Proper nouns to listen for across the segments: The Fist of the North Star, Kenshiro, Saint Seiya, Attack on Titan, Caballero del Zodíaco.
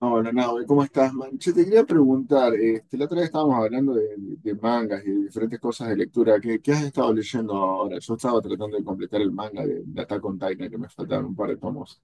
Hola, Nahue, ¿cómo estás, man? Che, te quería preguntar, este, la otra vez estábamos hablando de mangas y de diferentes cosas de lectura. ¿Qué has estado leyendo ahora? Yo estaba tratando de completar el manga de Attack on Titan, que me faltaron un par de tomos.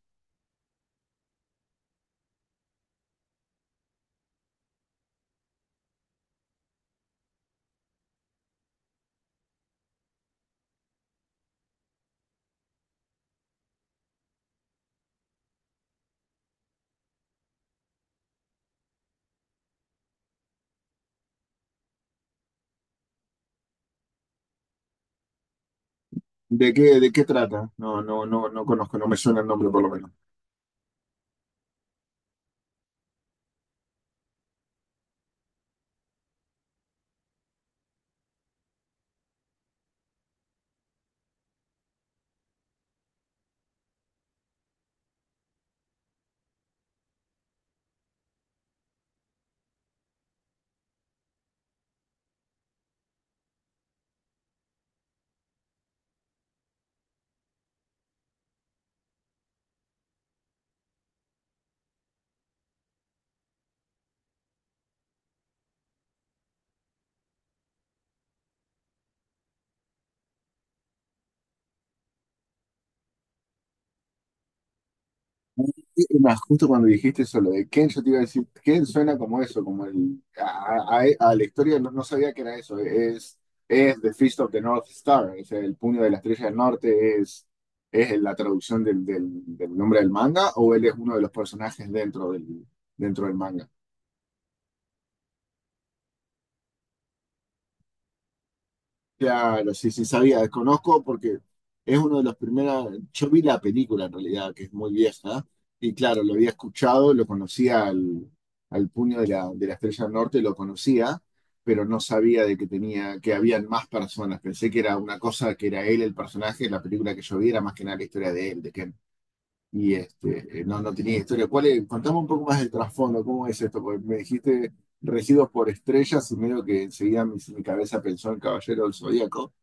¿De qué trata? No, conozco, no me suena el nombre por lo menos. Y más justo cuando dijiste eso, lo de Ken, yo te iba a decir, Ken suena como eso, como a la historia, no sabía que era eso, es The Fist of the North Star, es el puño de la estrella del norte, es la traducción del nombre del manga, o él es uno de los personajes dentro del manga. Claro, sí, sí, sabía, desconozco porque es uno de los primeros, yo vi la película en realidad, que es muy vieja, y claro, lo había escuchado, lo conocía al, al puño de la Estrella del Norte, lo conocía, pero no sabía de que tenía, que habían más personas, pensé que era una cosa, que era él el personaje, la película que yo vi era más que nada la historia de él, de Ken, y este, no, no tenía historia. ¿Cuál es? Contame un poco más del trasfondo, ¿cómo es esto? Porque me dijiste regidos por estrellas y medio que enseguida mi cabeza pensó en Caballero del Zodíaco,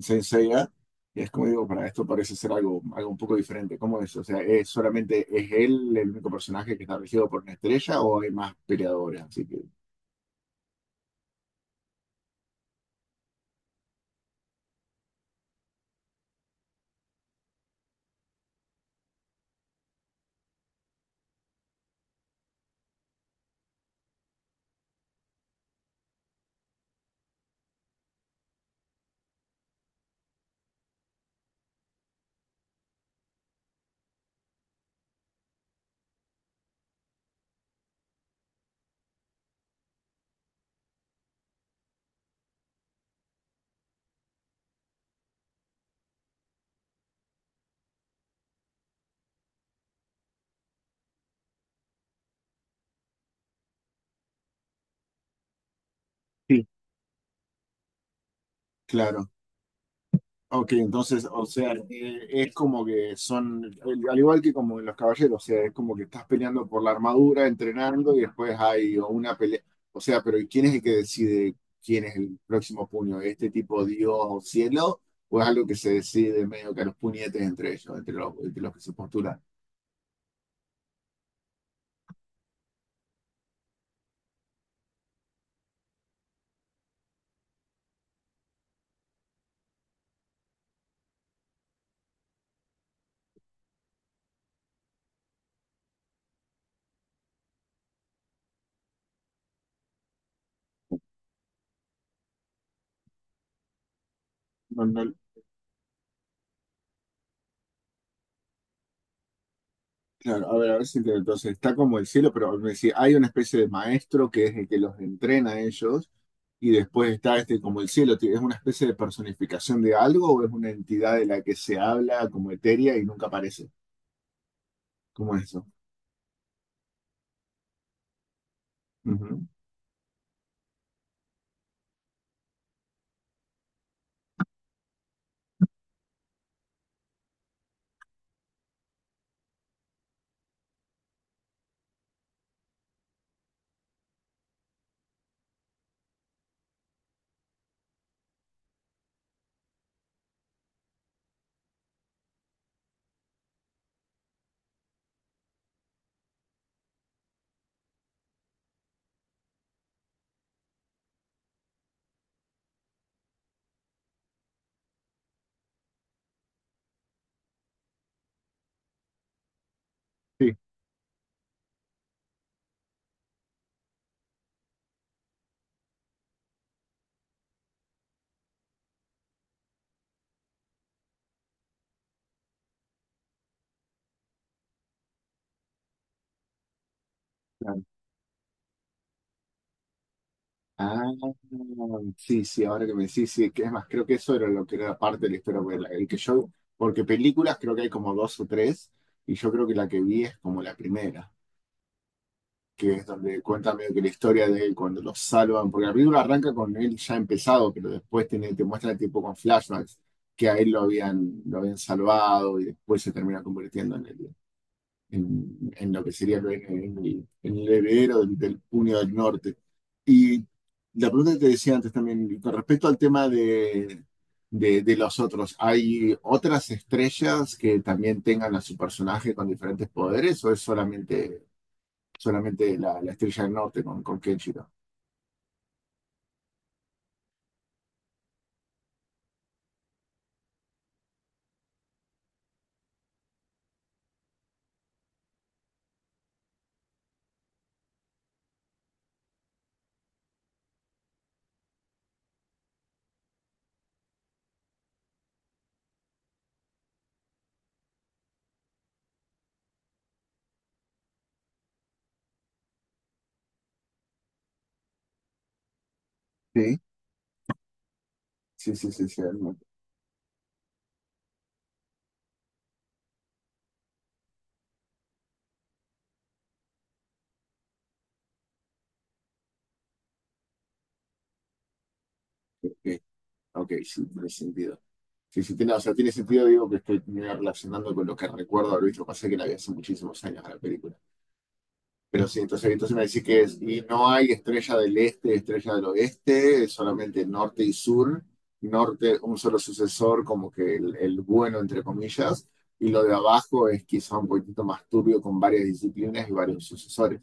Saint Seiya, y es como digo, para esto parece ser algo, algo un poco diferente. ¿Cómo es? O sea, ¿es solamente es él el único personaje que está regido por una estrella o hay más peleadores? Así que, sí, claro. Ok, entonces, o sea, es como que son, al igual que como en los caballeros, o sea, es como que estás peleando por la armadura, entrenando y después hay una pelea. O sea, pero ¿y quién es el que decide quién es el próximo puño? ¿Este tipo Dios o cielo? ¿O es algo que se decide medio que a los puñetes entre ellos, entre los que se postulan? No, no, claro, a ver si entiendo. Entonces, está como el cielo, pero me decía, hay una especie de maestro que es el que los entrena a ellos, y después está este como el cielo, ¿es una especie de personificación de algo o es una entidad de la que se habla como etérea y nunca aparece? ¿Cómo es eso? Ujú. Sí, claro. Ah, sí, sí, ahora que me decís, sí, que es más, creo que eso era lo que era parte de la historia, porque la- el que yo, porque películas creo que hay como dos o tres, y yo creo que la que vi es como la primera. Que es donde cuenta medio que la historia de él cuando lo salvan, porque la película arranca con él ya empezado, pero después tiene, te muestran tipo con flashbacks que a él lo habían salvado y después se termina convirtiendo en, el, en lo que sería el, en el, en el heredero del, del Puño del Norte. Y la pregunta que te decía antes también, con respecto al tema de los otros, ¿hay otras estrellas que también tengan a su personaje con diferentes poderes o es solamente solamente la Estrella del Norte con Kenshiro? Sí. Sí, sí, sí, sí, no. Ok, ok, sí, tiene sentido. Sí, sí, tiene, o sea, tiene sentido, digo, que estoy medio relacionando con lo que recuerdo haber visto. Pasé que la vi hace muchísimos años a la película. Pero sí, entonces, entonces me decís que es, y no hay estrella del este, estrella del oeste, es solamente norte y sur. Norte, un solo sucesor, como que el bueno, entre comillas. Y lo de abajo es quizá un poquitito más turbio con varias disciplinas y varios sucesores.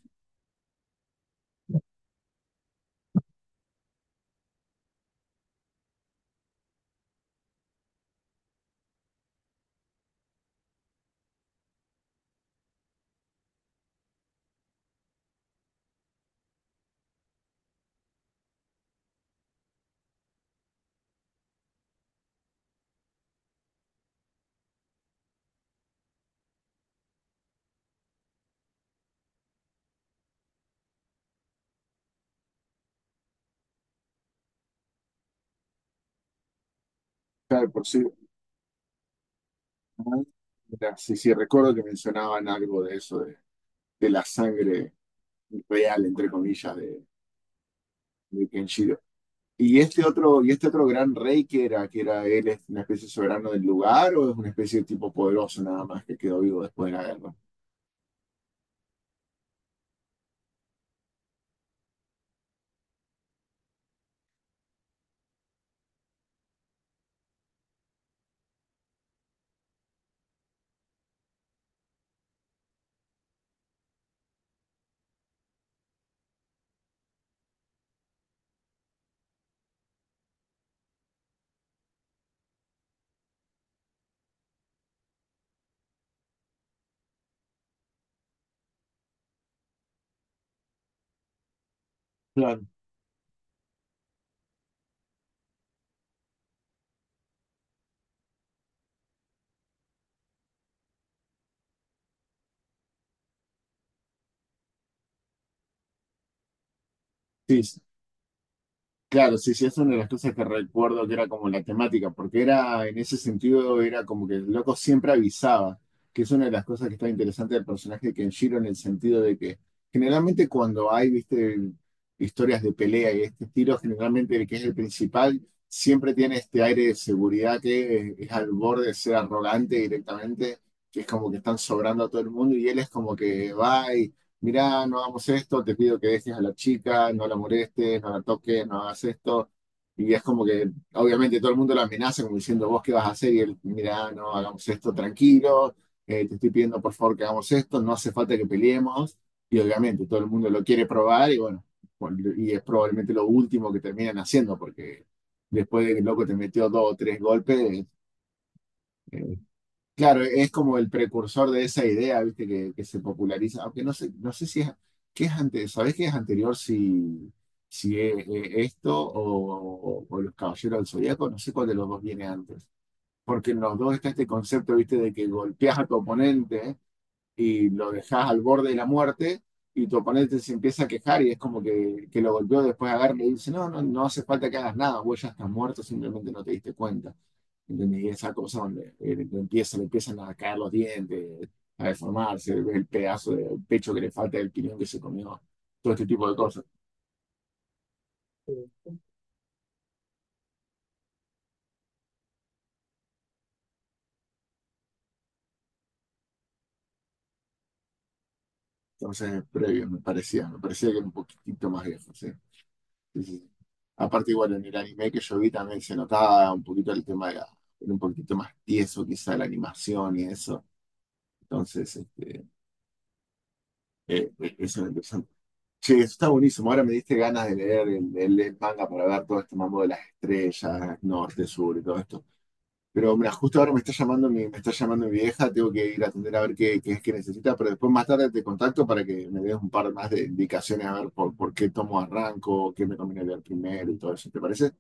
Claro, por sí, mira. Sí, sí, recuerdo que mencionaban algo de eso, de la sangre real, entre comillas, de Kenshiro. Y este otro gran rey que era él, es una especie de soberano del lugar o es una especie de tipo poderoso nada más que quedó vivo después de la guerra? Claro, sí. Claro, sí, sí, es una de las cosas que recuerdo que era como la temática, porque era, en ese sentido, era como que el loco siempre avisaba, que es una de las cosas que está interesante del personaje de Kenshiro, en el sentido de que generalmente cuando hay, viste, historias de pelea y este estilo, generalmente el que es el principal siempre tiene este aire de seguridad que es al borde de ser arrogante directamente, que es como que están sobrando a todo el mundo y él es como que va, mirá, no hagamos esto, te pido que dejes a la chica, no la molestes, no la toques, no hagas esto. Y es como que, obviamente, todo el mundo la amenaza como diciendo, vos qué vas a hacer, y él, mirá, no hagamos esto, tranquilo, te estoy pidiendo por favor que hagamos esto, no hace falta que peleemos. Y obviamente todo el mundo lo quiere probar y bueno, y es probablemente lo último que terminan haciendo, porque después de que el loco te metió dos o tres golpes, eh, claro, es como el precursor de esa idea, ¿viste? Que se populariza, aunque no sé, no sé si es, ¿qué es antes? ¿Sabés qué es anterior si, si es, esto o los Caballeros del Zodíaco? No sé cuál de los dos viene antes. Porque en los dos está este concepto, ¿viste? De que golpeas a tu oponente y lo dejas al borde de la muerte y tu oponente se empieza a quejar y es como que lo golpeó, después agarra y le dice, no, no, no hace falta que hagas nada, vos ya estás muerto, simplemente no te diste cuenta. ¿Entendés? Y esa cosa donde le empiezan a caer los dientes, a deformarse, ves el pedazo del pecho que le falta, el piñón que se comió, todo este tipo de cosas. Entonces, previo, me parecía que era un poquitito más viejo, sí. Sí, sí, sí. Aparte, igual en el anime que yo vi también se notaba un poquito el tema de la- era un poquitito más tieso, quizá la animación y eso. Entonces, este, eso era interesante. Che, eso está buenísimo. Ahora me diste ganas de leer el manga para ver todo este mambo de las estrellas, norte, sur y todo esto. Pero mira, justo ahora me está llamando mi, me está llamando mi vieja, tengo que ir a atender a ver qué, qué es que necesita, pero después más tarde te contacto para que me des un par más de indicaciones a ver por qué tomo arranco, qué me conviene leer primero y todo eso, ¿te parece?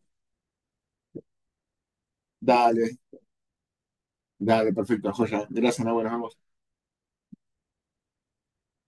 Dale, dale, perfecto, joya. Gracias, Ana, nos vemos.